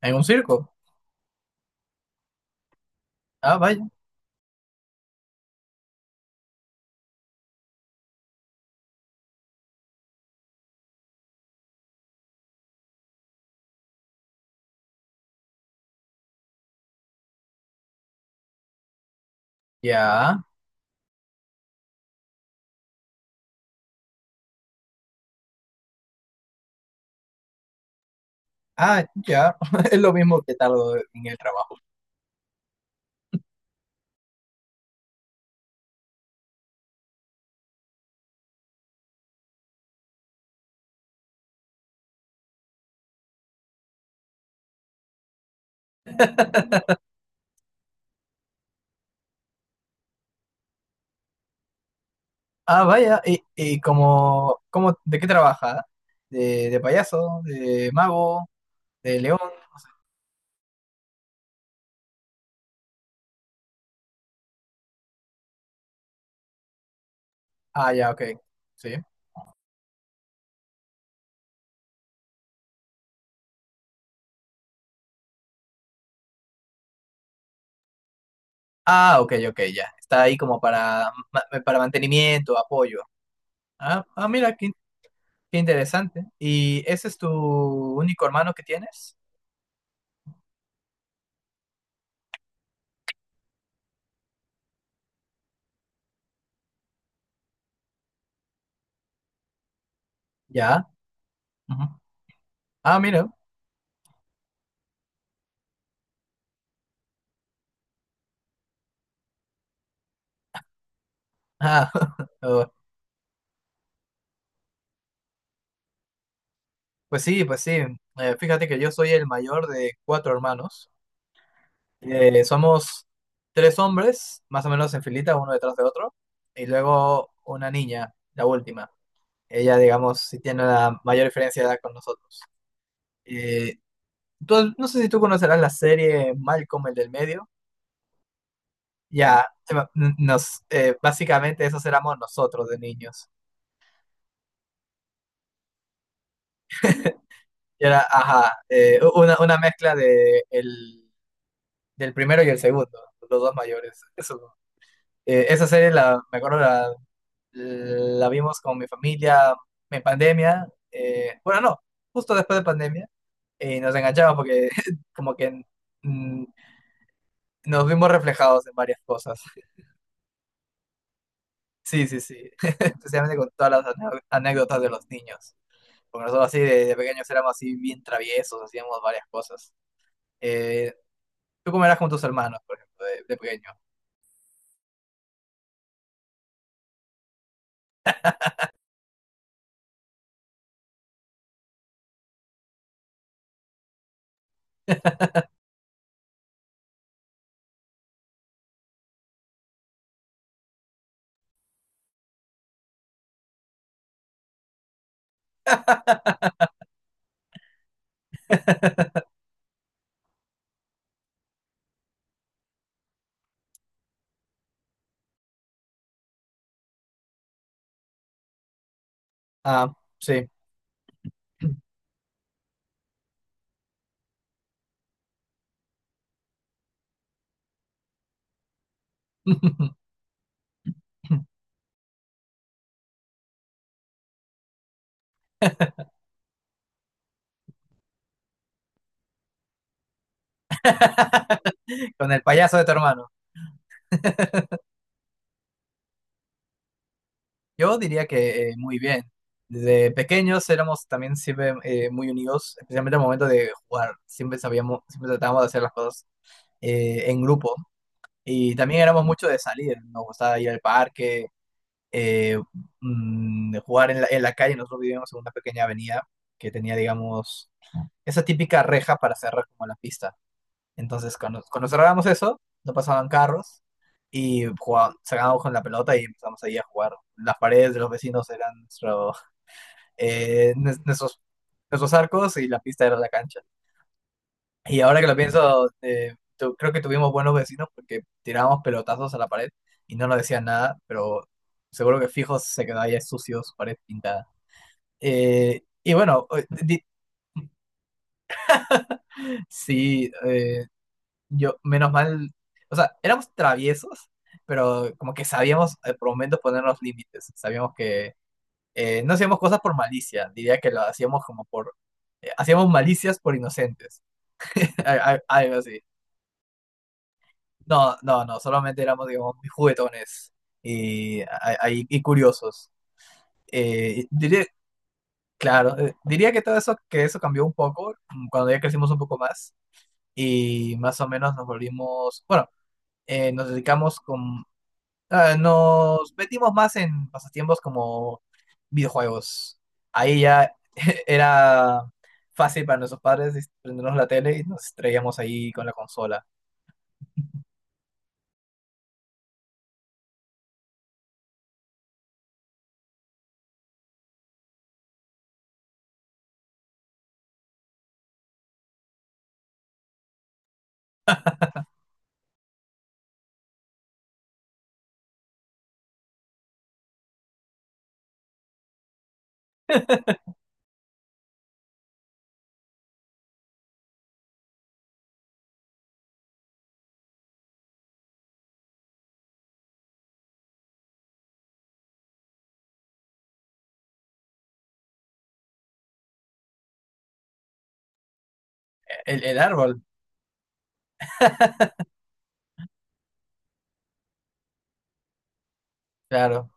¿En un circo? Ah, vaya. Ya. Ah, ya. Es lo mismo que tardo en el trabajo. Ah, vaya. Y como, como, de qué trabaja? De payaso? ¿De mago? ¿De león? Ah, ya, ok. Sí. Ah, ok, ok, ya. Está ahí como para, para mantenimiento, apoyo. Ah, ah, mira, qué interesante. ¿Y ese es tu único hermano que tienes? Ya. Ujú. Ah, mira. Ah, Pues sí, pues sí. Fíjate que yo soy el mayor de cuatro hermanos. Somos tres hombres, más o menos en filita, uno detrás de otro, y luego una niña, la última. Ella, digamos, sí tiene la mayor diferencia de edad con nosotros. Eh, no sé si tú conocerás la serie Malcolm, el del medio. Ya, básicamente esos éramos nosotros de niños. Era, ajá, una mezcla de el, del primero y el segundo, los dos mayores. Eso… Esa serie, me acuerdo, la vimos con mi familia en pandemia. Bueno, no, justo después de pandemia. Y nos enganchamos porque como que mm, nos vimos reflejados en varias cosas. Sí, sí, sí. Especialmente con todas las anécdotas de los niños. Porque nosotros así de pequeños éramos así bien traviesos, hacíamos varias cosas. Eh, ¿Tú cómo eras con tus hermanos, por ejemplo, de pequeño? Ah, sí. Con el payaso de tu hermano. Yo diría que muy bien. Desde pequeños éramos también siempre muy unidos, especialmente al momento de jugar. Siempre sabíamos, siempre tratábamos de hacer las cosas en grupo. Y también éramos mucho de salir. Nos gustaba ir al parque, eh, jugar en la calle. Nosotros vivíamos en una pequeña avenida que tenía, digamos, esa típica reja para cerrar como la pista. Entonces, cuando, cuando cerrábamos eso, no pasaban carros y jugábamos, sacábamos con la pelota y empezamos ahí a jugar. Las paredes de los vecinos eran nuestro nuestros, nuestros arcos y la pista era la cancha. Y ahora que lo pienso, creo que tuvimos buenos vecinos porque tirábamos pelotazos a la pared y no nos decían nada, pero seguro que fijos se quedaba ya sucio su pared pintada. Eh, y bueno, eh, di- sí, eh, yo, menos mal, o sea, éramos traviesos, pero como que sabíamos por momentos poner los límites, sabíamos que no hacíamos cosas por malicia, diría que lo hacíamos como hacíamos malicias por inocentes. Algo así. No, no, no, solamente éramos, digamos, muy juguetones y, y curiosos. Eh, diría, claro, diría que todo eso, que eso cambió un poco cuando ya crecimos un poco más y más o menos nos volvimos, bueno, nos dedicamos con, ah, nos metimos más en pasatiempos como videojuegos. Ahí ya era fácil para nuestros padres prendernos la tele y nos traíamos ahí con la consola. El árbol, claro.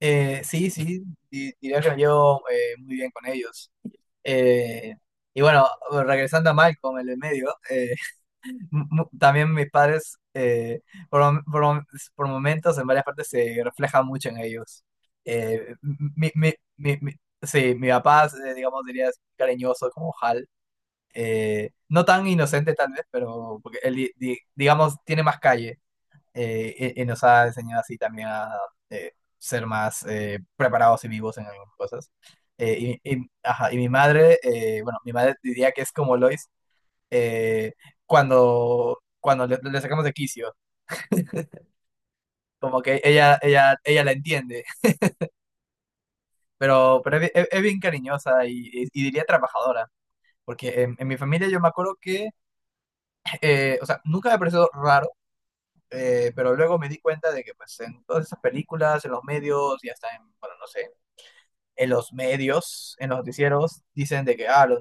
Sí, sí, diría que me llevo muy bien con ellos. Eh, y bueno, regresando a Malcolm, el de medio, también mis padres, por, mom- por mom- por momentos, en varias partes, se refleja mucho en ellos. Eh, mi, mi- mi- mi- sí, mi papá, digamos, diría es cariñoso como Hal. No tan inocente tal vez, pero porque él, digamos, tiene más calle. Y, y nos ha enseñado así también a ser más preparados y vivos en algunas cosas. Ajá, y mi madre, bueno, mi madre diría que es como Lois eh, cuando, cuando le sacamos de quicio, como que ella la entiende, pero es bien cariñosa y, y diría trabajadora, porque en mi familia yo me acuerdo que, o sea, nunca me pareció raro, pero luego me di cuenta de que pues en todas esas películas, en los medios y hasta en, bueno, no sé, en los medios, en los noticieros, dicen de que ah,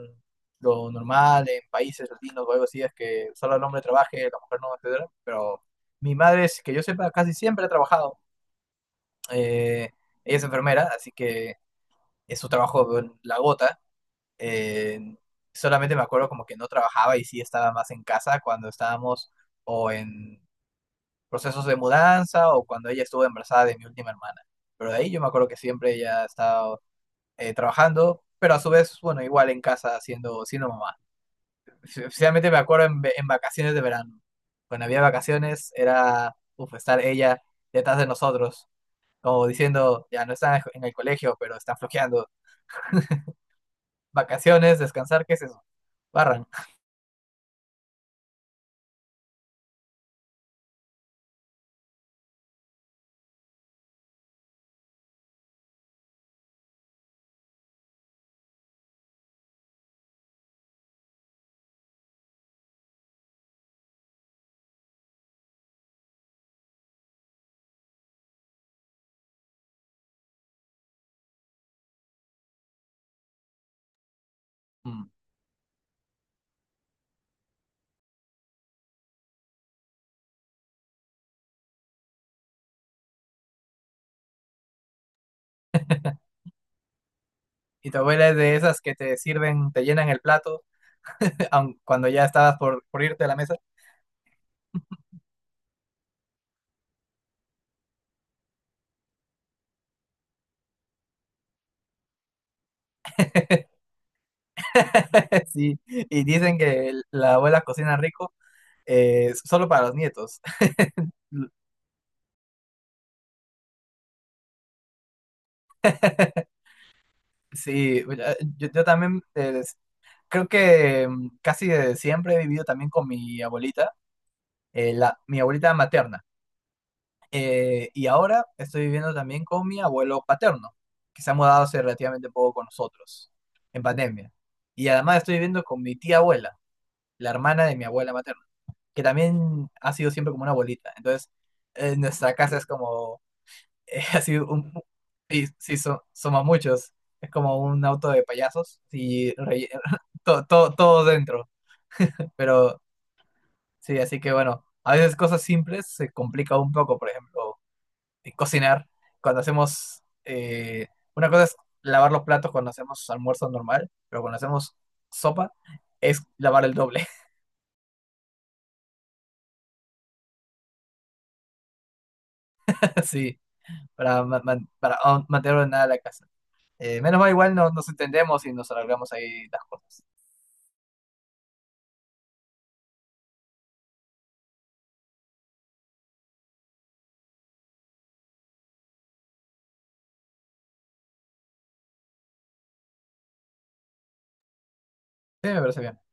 lo normal en países latinos o algo así es que solo el hombre trabaje, la mujer no, etcétera. Pero mi madre, es que yo sepa, casi siempre ha trabajado. Eh, Ella es enfermera, así que es su trabajo la gota. Eh, Solamente me acuerdo como que no trabajaba y sí estaba más en casa cuando estábamos o en procesos de mudanza o cuando ella estuvo embarazada de mi última hermana. Pero de ahí yo me acuerdo que siempre ella ha estado trabajando, pero a su vez, bueno, igual en casa siendo, siendo mamá. Especialmente me acuerdo en, en vacaciones de verano. Cuando había vacaciones era, uf, estar ella detrás de nosotros, como diciendo, ya no están en el colegio, pero están flojeando. Vacaciones, descansar, ¿qué es eso? Barran. Mm. Y tu abuela es de esas que te sirven, te llenan el plato, aun cuando ya estabas por irte a la mesa. Sí, y dicen que la abuela cocina rico solo para los nietos. Sí, yo también creo que casi desde siempre he vivido también con mi abuelita, mi abuelita materna. Y ahora estoy viviendo también con mi abuelo paterno, que se ha mudado hace relativamente poco con nosotros, en pandemia. Y además estoy viviendo con mi tía abuela, la hermana de mi abuela materna, que también ha sido siempre como una abuelita. Entonces, nuestra casa es como es así un... Sí, sí, somos muchos. Es como un auto de payasos y todo, todo, todo dentro. Pero sí, así que bueno, a veces cosas simples se complica un poco. Por ejemplo, cocinar. Cuando hacemos... una cosa es lavar los platos cuando hacemos almuerzo normal, pero cuando hacemos sopa es lavar el doble. Sí, para, para aún mantener ordenada la casa. Menos mal igual no, nos entendemos y nos arreglamos ahí las cosas. Sí, me parece bien.